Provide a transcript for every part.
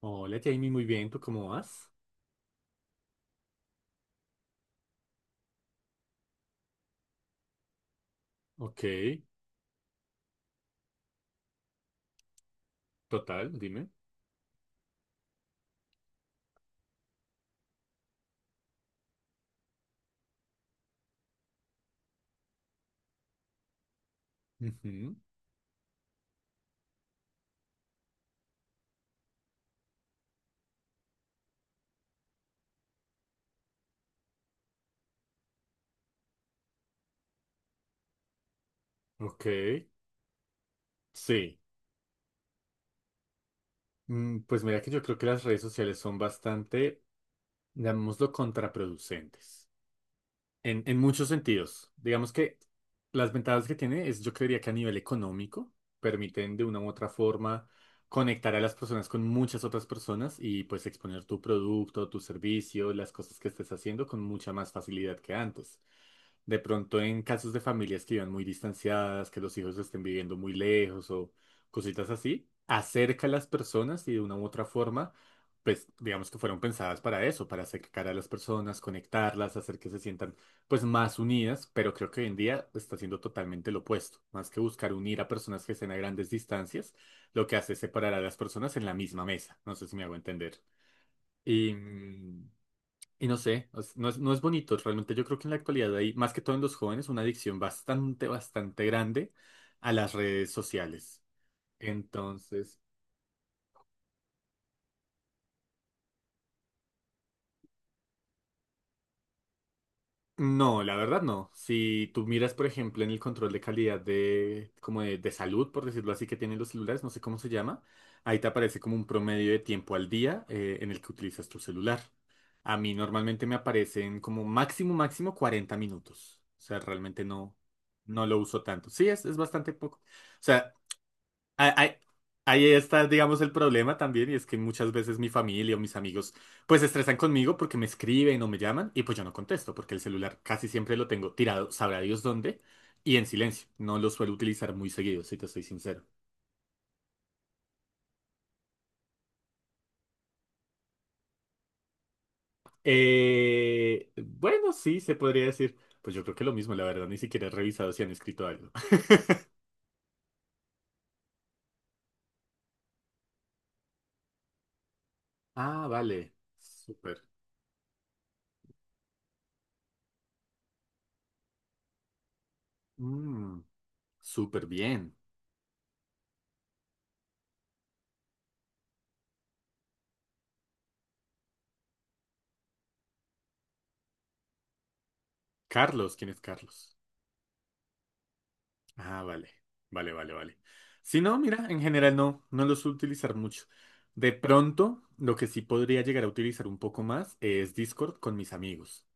Hola Jamie, muy bien, ¿tú cómo vas? Ok, total, dime. Ujú. Ok, sí. Pues mira que yo creo que las redes sociales son bastante, llamémoslo, contraproducentes. En muchos sentidos. Digamos que las ventajas que tiene es, yo creería que a nivel económico, permiten de una u otra forma conectar a las personas con muchas otras personas y pues exponer tu producto, tu servicio, las cosas que estés haciendo con mucha más facilidad que antes. De pronto en casos de familias que vivan muy distanciadas, que los hijos estén viviendo muy lejos o cositas así, acerca a las personas y de una u otra forma, pues digamos que fueron pensadas para eso, para acercar a las personas, conectarlas, hacer que se sientan pues más unidas, pero creo que hoy en día está siendo totalmente lo opuesto. Más que buscar unir a personas que estén a grandes distancias, lo que hace es separar a las personas en la misma mesa. No sé si me hago entender. Y... mm, y no sé, no no es bonito. Realmente yo creo que en la actualidad hay, más que todo en los jóvenes, una adicción bastante grande a las redes sociales. Entonces, no, la verdad no. Si tú miras, por ejemplo, en el control de calidad de salud, por decirlo así, que tienen los celulares, no sé cómo se llama, ahí te aparece como un promedio de tiempo al día en el que utilizas tu celular. A mí normalmente me aparecen como máximo 40 minutos. O sea, realmente no, no lo uso tanto. Sí, es bastante poco. O sea, ah, ah, ahí está, digamos, el problema también, y es que muchas veces mi familia o mis amigos pues se estresan conmigo porque me escriben o me llaman y pues yo no contesto porque el celular casi siempre lo tengo tirado, sabrá Dios dónde, y en silencio. No lo suelo utilizar muy seguido, si te soy sincero. Bueno, sí, se podría decir. Pues yo creo que lo mismo, la verdad, ni siquiera he revisado si han escrito algo. Ah, vale. Súper. Mm, súper bien. Carlos, ¿quién es Carlos? Ah, vale, vale, vale, vale. Si no, mira, en general no, no los suelo utilizar mucho. De pronto, lo que sí podría llegar a utilizar un poco más es Discord con mis amigos.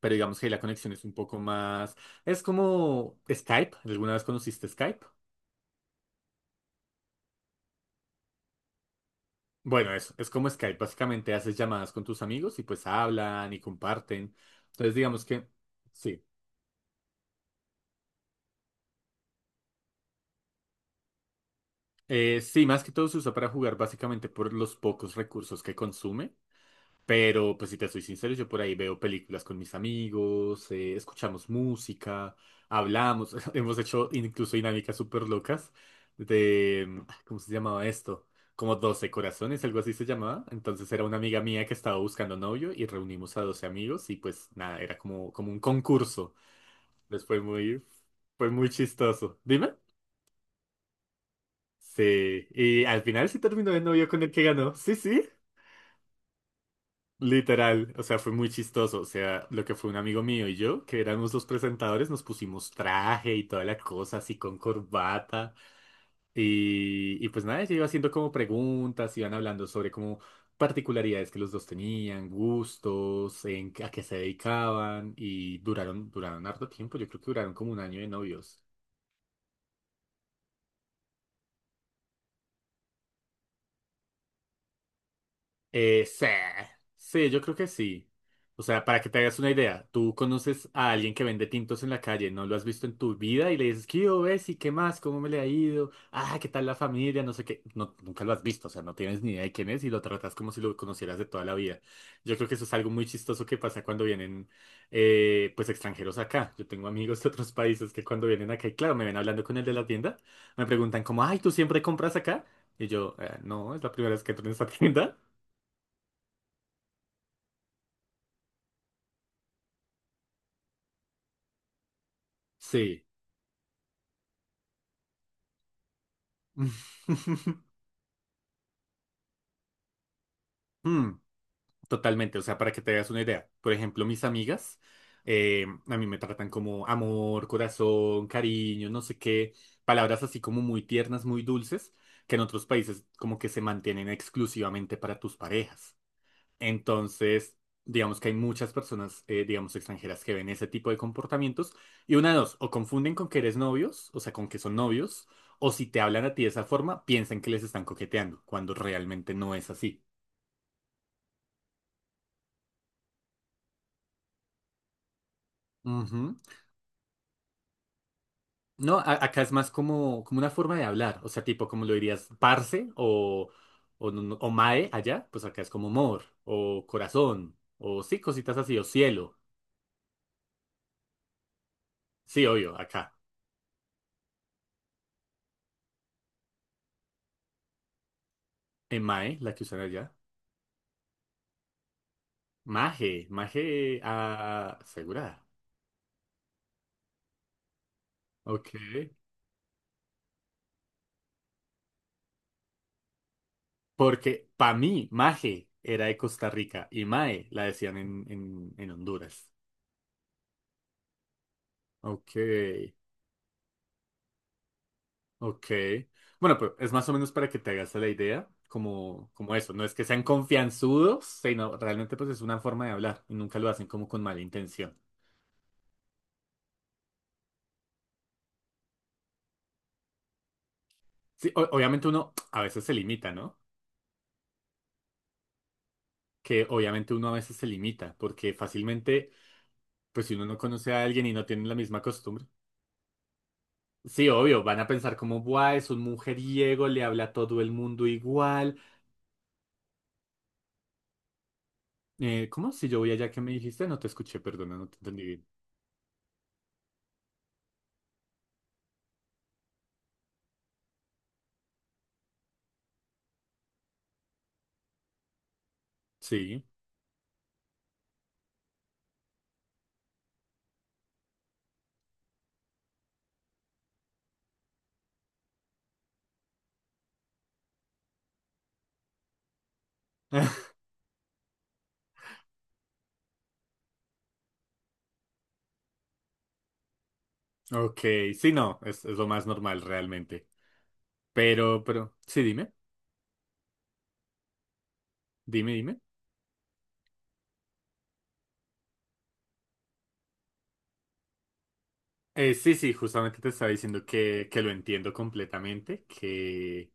Pero digamos que la conexión es un poco más... Es como Skype. ¿Alguna vez conociste Skype? Bueno, eso, es como Skype. Básicamente haces llamadas con tus amigos y pues hablan y comparten. Entonces, digamos que sí. Sí, más que todo se usa para jugar básicamente por los pocos recursos que consume. Pero, pues si te soy sincero, yo por ahí veo películas con mis amigos, escuchamos música, hablamos, hemos hecho incluso dinámicas súper locas ¿cómo se llamaba esto? Como 12 corazones, algo así se llamaba. Entonces era una amiga mía que estaba buscando novio y reunimos a 12 amigos y pues nada, era como un concurso. Entonces fue muy chistoso. Dime. Sí, y al final sí terminó el novio con el que ganó. Sí, sí. Literal, o sea, fue muy chistoso. O sea, lo que fue un amigo mío y yo, que éramos los presentadores, nos pusimos traje y toda la cosa, así con corbata. Y pues nada, ella iba haciendo como preguntas, iban hablando sobre como particularidades que los dos tenían, gustos, a qué se dedicaban. Y duraron harto tiempo, yo creo que duraron como un año de novios. Sí, sí, yo creo que sí. O sea, para que te hagas una idea, tú conoces a alguien que vende tintos en la calle, no lo has visto en tu vida y le dices, ¿qué hubo, Bessie? ¿Qué más? ¿Cómo me le ha ido? Ah, ¿qué tal la familia? No sé qué. No, nunca lo has visto, o sea, no tienes ni idea de quién es y lo tratas como si lo conocieras de toda la vida. Yo creo que eso es algo muy chistoso que pasa cuando vienen, pues, extranjeros acá. Yo tengo amigos de otros países que cuando vienen acá y, claro, me ven hablando con el de la tienda, me preguntan como, ay, ¿tú siempre compras acá? Y yo, no, es la primera vez que entro en esta tienda. Sí. Mm, totalmente, o sea, para que te hagas una idea. Por ejemplo, mis amigas a mí me tratan como amor, corazón, cariño, no sé qué, palabras así como muy tiernas, muy dulces, que en otros países como que se mantienen exclusivamente para tus parejas. Entonces, digamos que hay muchas personas, digamos, extranjeras que ven ese tipo de comportamientos y una de dos, o confunden con que eres novios, o sea, con que son novios, o si te hablan a ti de esa forma, piensan que les están coqueteando, cuando realmente no es así. Ujú. No, acá es más como una forma de hablar, o sea, tipo como lo dirías, parce o, o mae allá, pues acá es como amor, o corazón, o sí, cositas así, o cielo. Sí, obvio, acá. En mae, la que usan allá. Maje, Maje ah, asegurada. Ok. Porque para mí, Maje era de Costa Rica y Mae la decían en Honduras. Ok, ok. Bueno, pero es más o menos para que te hagas la idea, como eso. No es que sean confianzudos, sino realmente pues es una forma de hablar y nunca lo hacen como con mala intención. Sí, obviamente uno a veces se limita, ¿no? Que obviamente uno a veces se limita, porque fácilmente, pues si uno no conoce a alguien y no tiene la misma costumbre, sí, obvio, van a pensar como, buah, es un mujeriego, le habla a todo el mundo igual. ¿Cómo? Si yo voy allá, ¿que me dijiste? No te escuché, perdona, no te entendí bien. Sí. Ok, sí, no, es lo más normal realmente. Pero, sí, dime, dime, dime. Sí, sí, justamente te estaba diciendo que lo entiendo completamente, que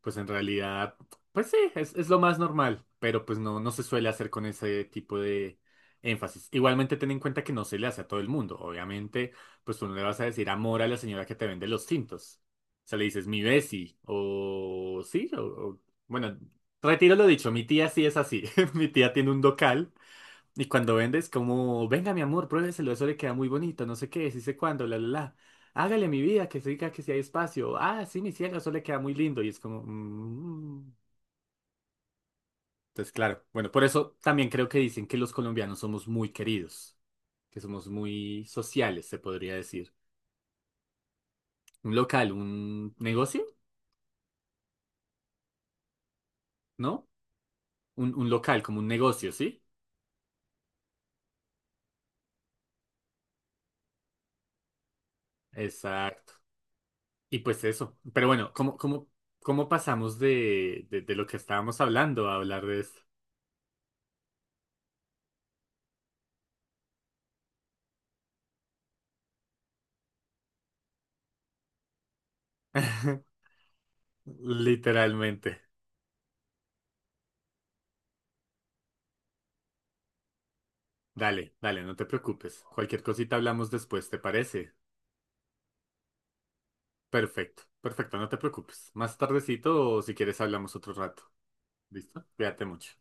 pues en realidad, pues sí, es lo más normal, pero pues no, no se suele hacer con ese tipo de énfasis. Igualmente ten en cuenta que no se le hace a todo el mundo, obviamente, pues tú no le vas a decir amor a la señora que te vende los tintos. O sea, le dices mi besi, o sí, bueno, retiro lo dicho, mi tía sí es así, mi tía tiene un docal y cuando vendes, como, venga, mi amor, pruébeselo, eso le queda muy bonito, no sé qué, sí sé cuándo, la, la, la. Hágale mi vida, que siga, que si hay espacio. Ah, sí, mi cielo, eso le queda muy lindo. Y es como, mm. Entonces, claro, bueno, por eso también creo que dicen que los colombianos somos muy queridos, que somos muy sociales, se podría decir. Un local, un negocio, ¿no? Un local, como un negocio, ¿sí? Exacto. Y pues eso. Pero bueno, ¿cómo pasamos de lo que estábamos hablando a hablar de esto? Literalmente. Dale, dale, no te preocupes. Cualquier cosita hablamos después, ¿te parece? Perfecto, perfecto, no te preocupes. Más tardecito o si quieres hablamos otro rato. ¿Listo? Cuídate mucho.